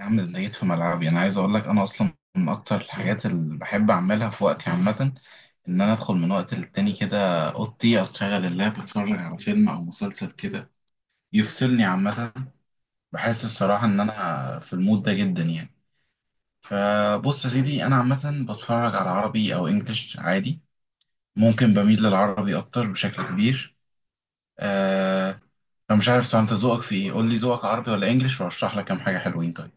يا عم ده جيت في ملعبي. انا عايز اقول لك انا اصلا من اكتر الحاجات اللي بحب اعملها في وقتي عامه ان انا ادخل من وقت للتاني كده اوضتي، اشغل اللاب، اتفرج على فيلم او مسلسل كده يفصلني عامه. بحس الصراحه ان انا في المود ده جدا يعني. فبص يا سيدي، انا عامه بتفرج على عربي او انجليش عادي، ممكن بميل للعربي اكتر بشكل كبير. آه، انا مش عارف سواء انت ذوقك في ايه، قول لي ذوقك عربي ولا انجليش وارشح لك كام حاجه حلوين. طيب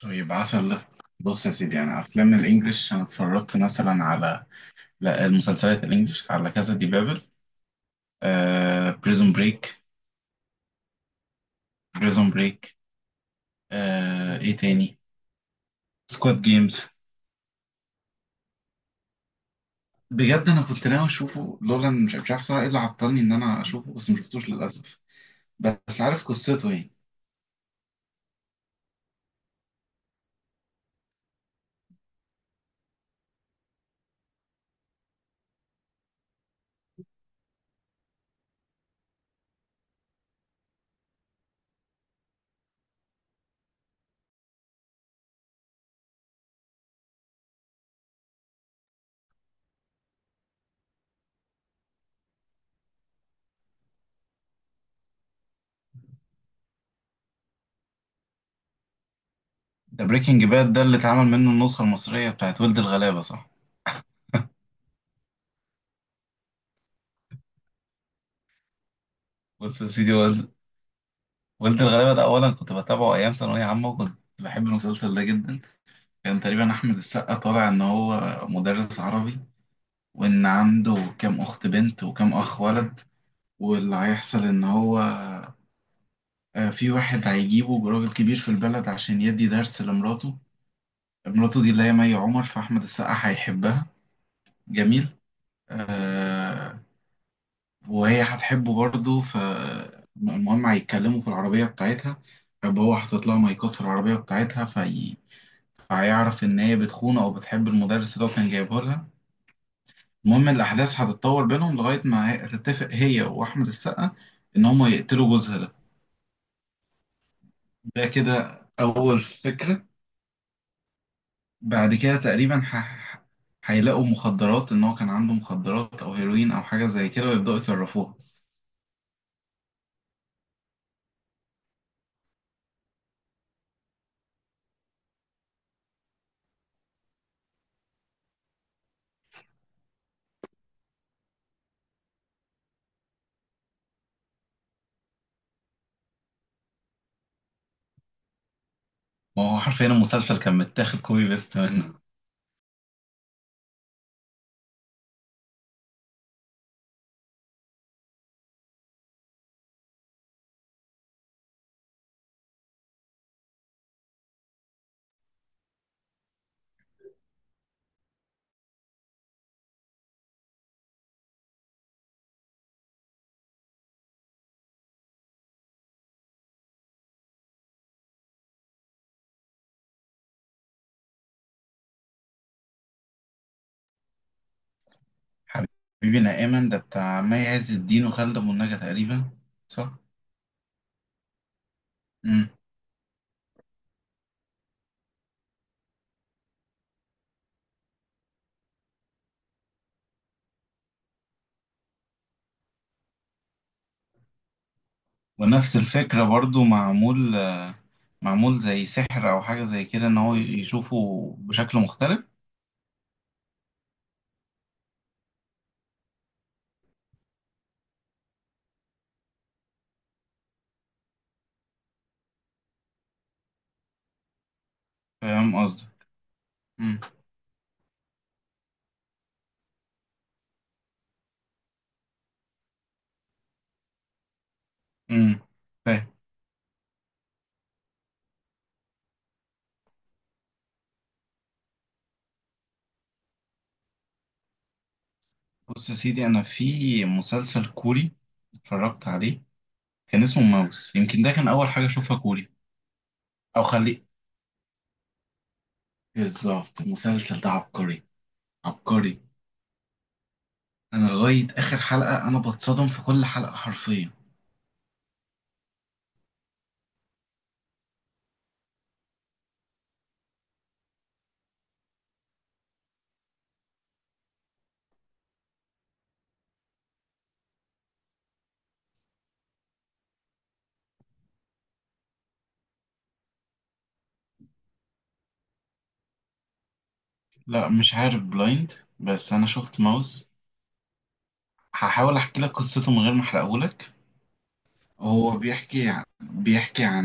طيب، عسل ده. بص يا سيدي، يعني افلام الانجليش انا اتفرجت مثلا على، لا، المسلسلات الانجليش، على كذا دي بابل، آه، بريزون بريك. بريزون بريك. آه، ايه تاني، سكواد جيمز. بجد انا كنت ناوي اشوفه لولا إن مش عارف صراحه ايه اللي عطلني ان انا اشوفه، بس ما شفتوش للاسف. بس عارف قصته ايه. ده بريكنج باد ده اللي اتعمل منه النسخه المصريه بتاعت ولد الغلابه، صح؟ بص يا سيدي، هو ولد الغلابة ده أولا كنت بتابعه أيام ثانوية عامة وكنت بحب المسلسل ده جدا. كان تقريبا أحمد السقا طالع إن هو مدرس عربي، وإن عنده كام أخت بنت وكام أخ ولد. واللي هيحصل إن هو، في واحد هيجيبه راجل كبير في البلد عشان يدي درس لمراته. مراته دي اللي هي مي عمر، فأحمد السقا هيحبها. جميل. آه، وهي هتحبه برضه. فالمهم هيتكلموا في العربية بتاعتها، فهو حاطط لها مايكات في العربية بتاعتها، في، فهيعرف إن هي بتخونه أو بتحب المدرس اللي هو كان جايبه لها. المهم الأحداث هتتطور بينهم لغاية ما هتتفق هي وأحمد السقا إن هما يقتلوا جوزها ده. ده كده أول فكرة. بعد كده تقريبا هيلاقوا مخدرات، إن هو كان عنده مخدرات أو هيروين أو حاجة زي كده، ويبدأوا يصرفوها. ما هو حرفيا المسلسل كان متاخد كوبي بيست منه. حبيبنا أيمن ده بتاع مي عز الدين وخالد أبو النجا تقريبا. صح؟ مم. ونفس الفكرة برضو معمول، معمول زي سحر او حاجه زي كده، ان هو يشوفه بشكل مختلف. فاهم قصدي. امم امم فاهم. بص يا سيدي، انا في مسلسل كوري اتفرجت عليه، كان اسمه ماوس. يمكن ده كان اول حاجه اشوفها كوري، او خليه. بالظبط المسلسل ده عبقري، عبقري. انا لغايه اخر حلقه انا بتصدم في كل حلقه حرفيا. لا، مش عارف بلايند، بس انا شفت ماوس. هحاول احكي لك قصته من غير ما احرقهولك. هو بيحكي عن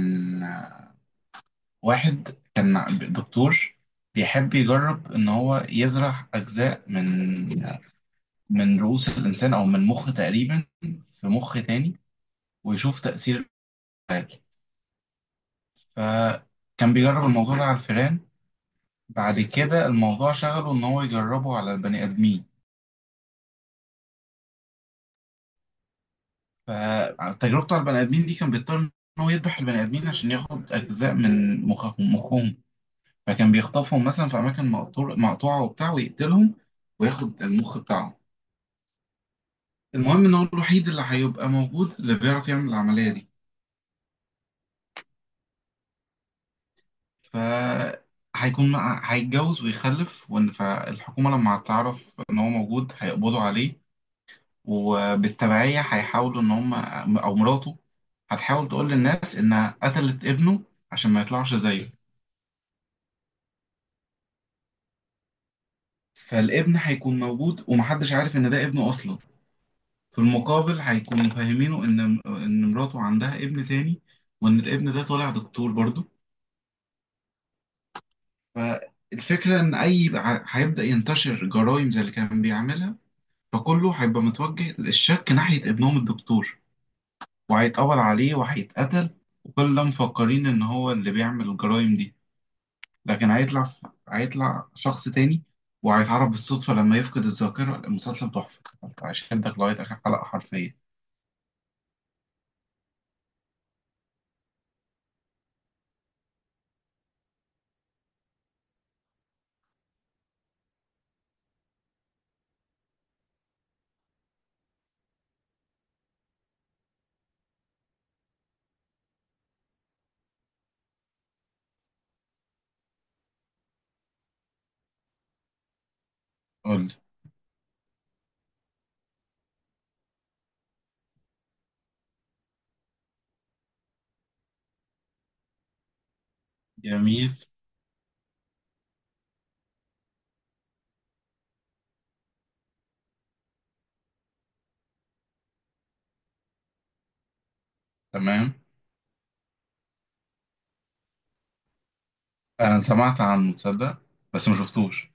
واحد كان دكتور، بيحب يجرب إن هو يزرع أجزاء من، من رؤوس الإنسان أو من مخ تقريبا، في مخ تاني، ويشوف تأثير العلاج. فكان بيجرب الموضوع ده على الفئران. بعد كده الموضوع شغله إن هو يجربه على البني آدمين. فتجربته على البني آدمين دي كان بيضطر إن هو يذبح البني آدمين عشان ياخد أجزاء من مخهم. فكان بيخطفهم مثلا في أماكن مقطوعة وبتاع، ويقتلهم وياخد المخ بتاعهم. المهم ان هو الوحيد اللي هيبقى موجود اللي بيعرف يعمل العملية دي. ف، هيكون، هيتجوز ويخلف، وان فالحكومة لما هتعرف ان هو موجود هيقبضوا عليه. وبالتبعية هيحاولوا ان هم، او مراته هتحاول تقول للناس انها قتلت ابنه عشان ما يطلعش زيه. فالابن هيكون موجود ومحدش عارف ان ده ابنه اصلا. في المقابل هيكونوا فاهمينه ان، ان مراته عندها ابن تاني، وان الابن ده طالع دكتور برضه. فالفكرة إن أي هيبدأ ينتشر جرائم زي اللي كان بيعملها، فكله هيبقى متوجه للشك ناحية ابنهم الدكتور، وهيتقبض عليه وهيتقتل، وكل ده مفكرين إن هو اللي بيعمل الجرائم دي. لكن هيطلع هيطلع شخص تاني، وهيتعرف بالصدفة لما يفقد الذاكرة. المسلسل تحفة، أنت هشدك لغاية آخر حلقة حرفيا. قول. جميل. تمام. أنا سمعت عنه، تصدق، بس ما شفتوش.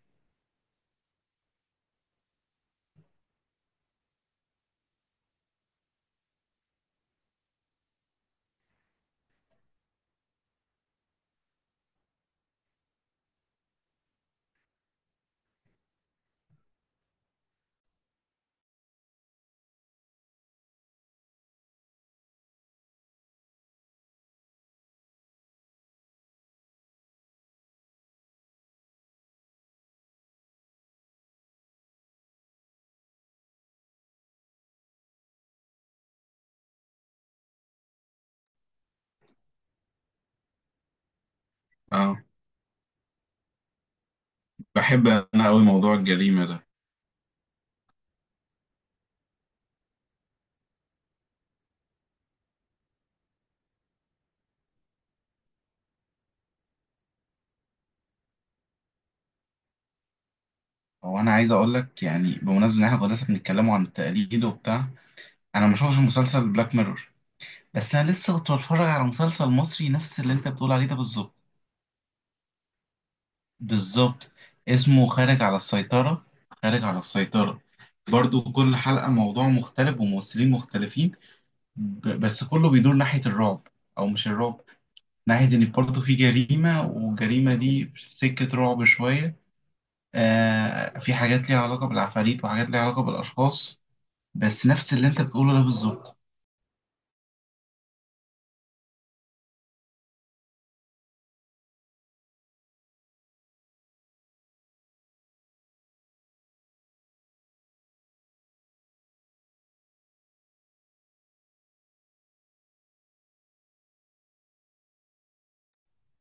أه، بحب أنا أوي موضوع الجريمة ده. هو انا عايز اقول لك، يعني بمناسبه ان احنا كنا لسه بنتكلموا عن التقليد وبتاع، انا ما شفتش مسلسل بلاك ميرور، بس انا لسه كنت بتفرج على مسلسل مصري نفس اللي انت بتقول عليه ده بالظبط. بالظبط. اسمه خارج على السيطره. خارج على السيطره. برضو كل حلقه موضوع مختلف وممثلين مختلفين. بس كله بيدور ناحيه الرعب، او مش الرعب، ناحيه ان برضو في جريمه، والجريمه دي في سكه رعب شويه. آه، في حاجات ليها علاقه بالعفاريت وحاجات ليها علاقه بالاشخاص. بس نفس اللي انت بتقوله ده بالظبط.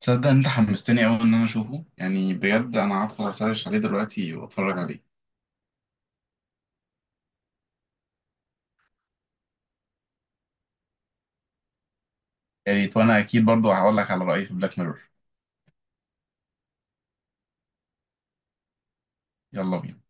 تصدق انت حمستني قوي ان انا اشوفه، يعني بجد انا هدخل اسرش عليه دلوقتي واتفرج عليه. يا ريت، وانا اكيد برضو هقول لك على رأيي في بلاك ميرور. يلا بينا.